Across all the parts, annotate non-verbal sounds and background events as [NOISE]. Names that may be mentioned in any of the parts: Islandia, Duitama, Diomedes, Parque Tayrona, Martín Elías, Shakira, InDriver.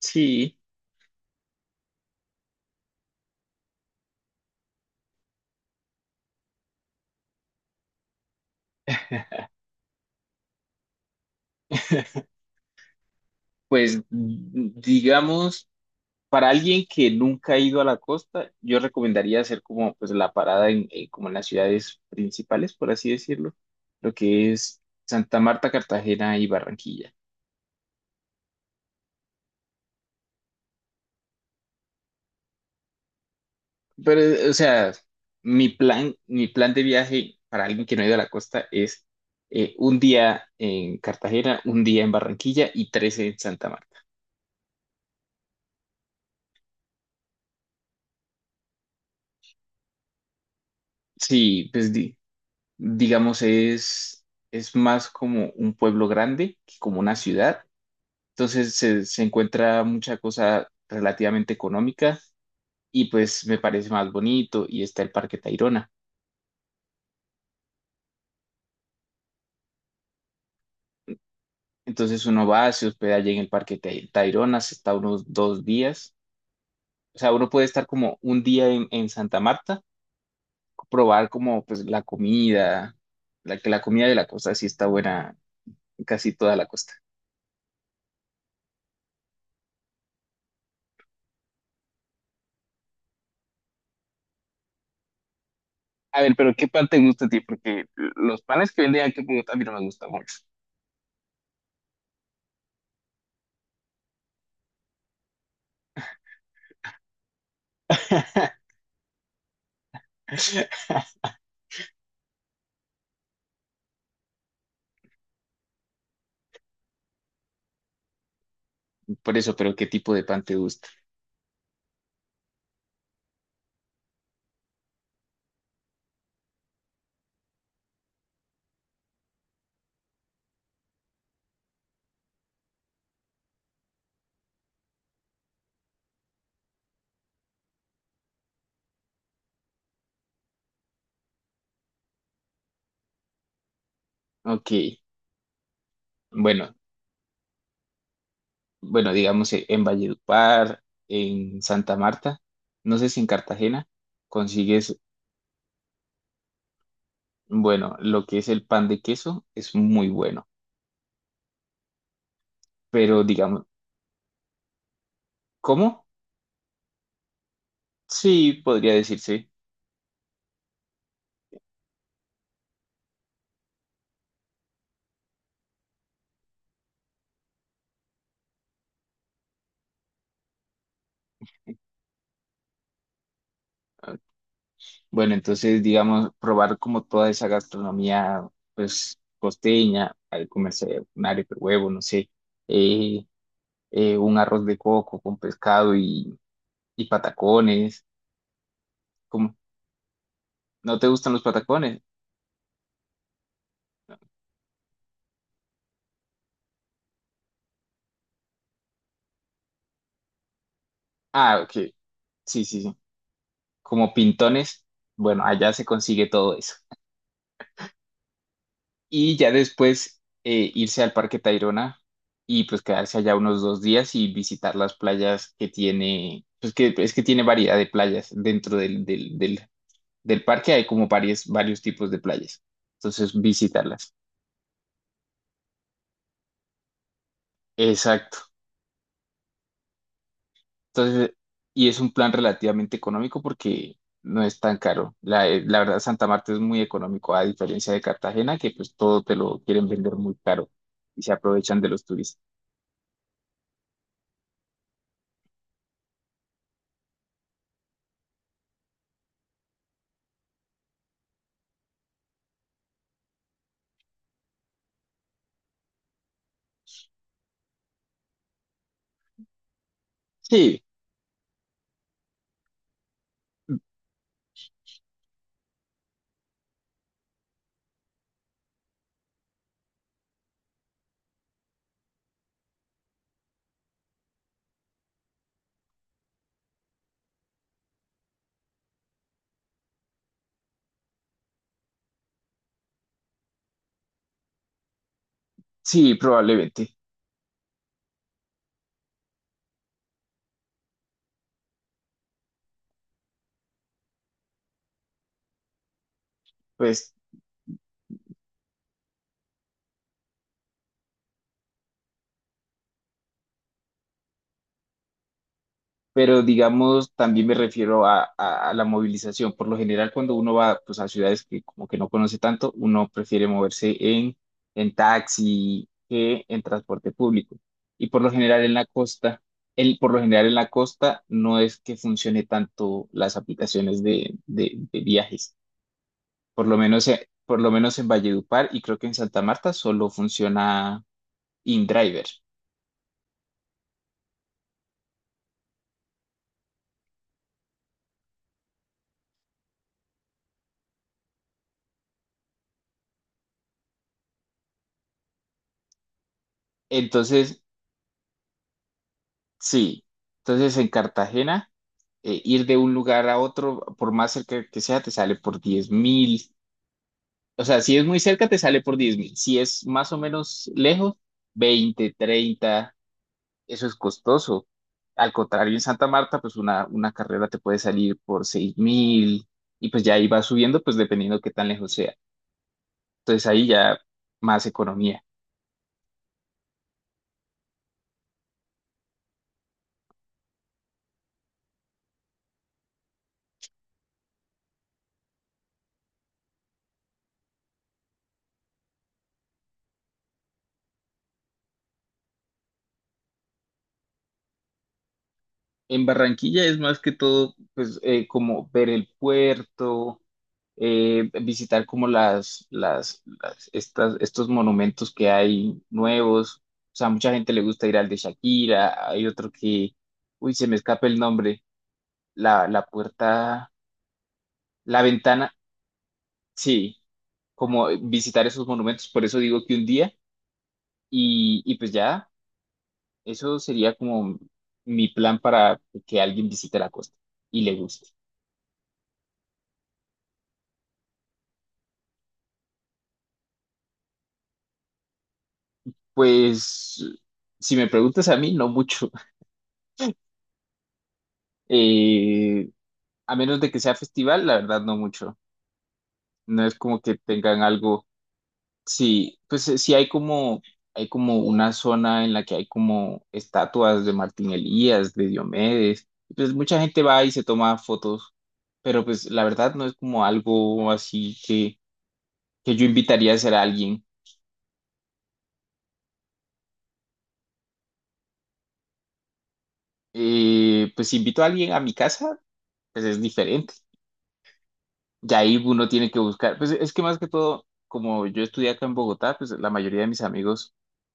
Sí, pues digamos, para alguien que nunca ha ido a la costa, yo recomendaría hacer como pues la parada como en las ciudades principales, por así decirlo, lo que es Santa Marta, Cartagena y Barranquilla. Pero, o sea, mi plan de viaje para alguien que no ha ido a la costa es un día en Cartagena, un día en Barranquilla y tres en Santa Marta. Sí, pues digamos, es más como un pueblo grande que como una ciudad. Entonces se encuentra mucha cosa relativamente económica y pues me parece más bonito y está el Parque Tayrona. Entonces uno va, se hospeda allí en el Parque Tayrona, se está unos dos días. O sea, uno puede estar como un día en Santa Marta, probar como pues la comida, la que la comida de la costa sí está buena en casi toda la costa. A ver, pero ¿qué pan te gusta a ti? Porque los panes que venden aquí en Bogotá a mí no me gustan mucho. [LAUGHS] Por eso, pero ¿qué tipo de pan te gusta? Ok. Bueno, bueno, digamos en Valledupar, en Santa Marta, no sé si en Cartagena consigues, bueno, lo que es el pan de queso es muy bueno, pero digamos, ¿cómo? Sí, podría decirse. Bueno, entonces, digamos, probar como toda esa gastronomía, pues, costeña, al comerse un arepa de huevo, no sé, eh, un arroz de coco con pescado y patacones. Como ¿No te gustan los patacones? Ah, ok, sí, sí, sí. Como pintones, bueno, allá se consigue todo eso. Y ya después irse al Parque Tayrona y pues quedarse allá unos dos días y visitar las playas que tiene, pues que es que tiene variedad de playas dentro del parque hay como varios tipos de playas. Entonces, visitarlas. Exacto. Entonces, y es un plan relativamente económico porque no es tan caro. La verdad, Santa Marta es muy económico, a diferencia de Cartagena, que pues todo te lo quieren vender muy caro y se aprovechan de los turistas. Sí, sí, probablemente. Pues, pero digamos, también me refiero a la movilización. Por lo general, cuando uno va pues, a ciudades que como que no conoce tanto, uno prefiere moverse en taxi que en transporte público. Y por lo general en la costa, por lo general en la costa no es que funcione tanto las aplicaciones de viajes. Por lo menos en Valledupar y creo que en Santa Marta solo funciona InDriver. Entonces, sí. Entonces en Cartagena, ir de un lugar a otro, por más cerca que sea, te sale por 10.000. O sea, si es muy cerca, te sale por 10 mil. Si es más o menos lejos, 20, 30, eso es costoso. Al contrario, en Santa Marta, pues una carrera te puede salir por 6.000 y pues ya ahí va subiendo, pues dependiendo qué tan lejos sea. Entonces ahí ya más economía. En Barranquilla es más que todo, pues como ver el puerto, visitar como estos monumentos que hay nuevos. O sea, a mucha gente le gusta ir al de Shakira, hay otro que, uy, se me escapa el nombre, la puerta, la ventana, sí, como visitar esos monumentos, por eso digo que un día, y pues ya, eso sería como mi plan para que alguien visite la costa y le guste. Pues, si me preguntas a mí, no mucho. [LAUGHS] Eh, A menos de que sea festival, la verdad no mucho. No es como que tengan algo. Sí, pues sí hay como, una zona en la que hay como estatuas de Martín Elías, de Diomedes, y pues mucha gente va y se toma fotos, pero pues la verdad no es como algo así que yo invitaría a hacer a alguien. Pues si invito a alguien a mi casa, pues es diferente. Y ahí uno tiene que buscar, pues es que más que todo, como yo estudié acá en Bogotá, pues la mayoría de mis amigos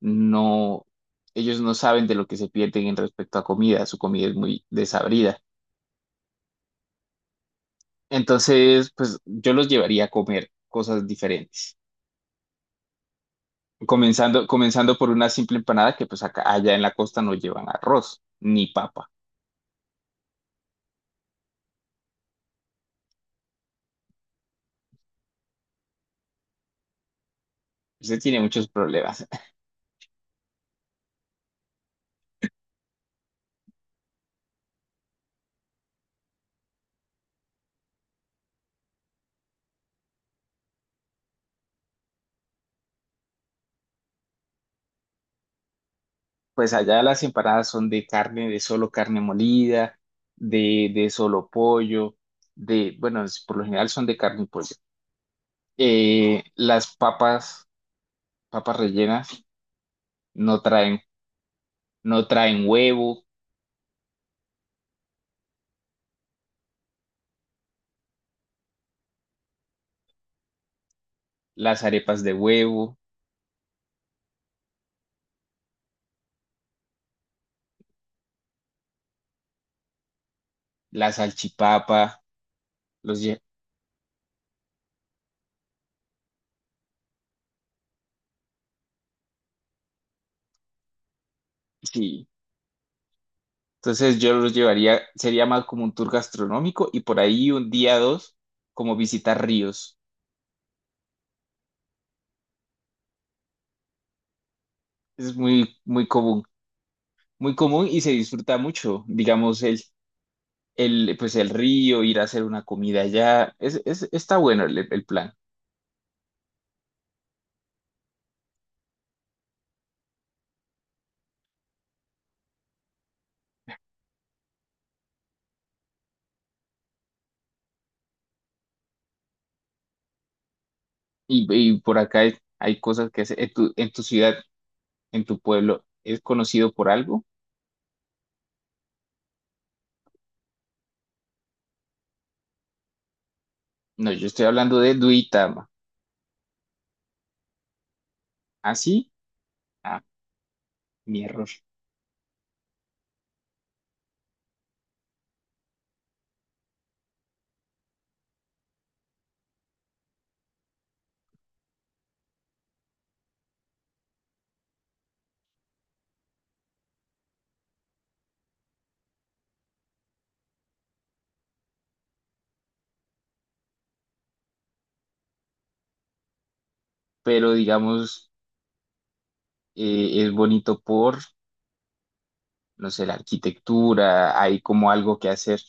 no, ellos no saben de lo que se pierden en respecto a comida, su comida es muy desabrida. Entonces, pues yo los llevaría a comer cosas diferentes. Comenzando por una simple empanada que pues acá, allá en la costa no llevan arroz ni papa. Usted tiene muchos problemas. Pues allá las empanadas son de carne, de solo carne molida, de solo pollo, bueno, por lo general son de carne y pollo. Las papas, papas rellenas, no traen, no traen huevo, las arepas de huevo, la salchipapa, los lle- sí. Entonces yo los llevaría, sería más como un tour gastronómico y por ahí un día dos, como visitar ríos. Es muy, muy común y se disfruta mucho, digamos pues el río, ir a hacer una comida allá. Está bueno el plan. Y por acá hay cosas que hacer. En tu ciudad, en tu pueblo, ¿es conocido por algo? No, yo estoy hablando de Duitama. ¿Ah, sí? Ah, mi error. Pero digamos, es bonito por, no sé, la arquitectura, hay como algo que hacer.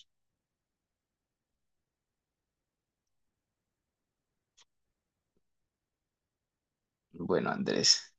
Bueno, Andrés.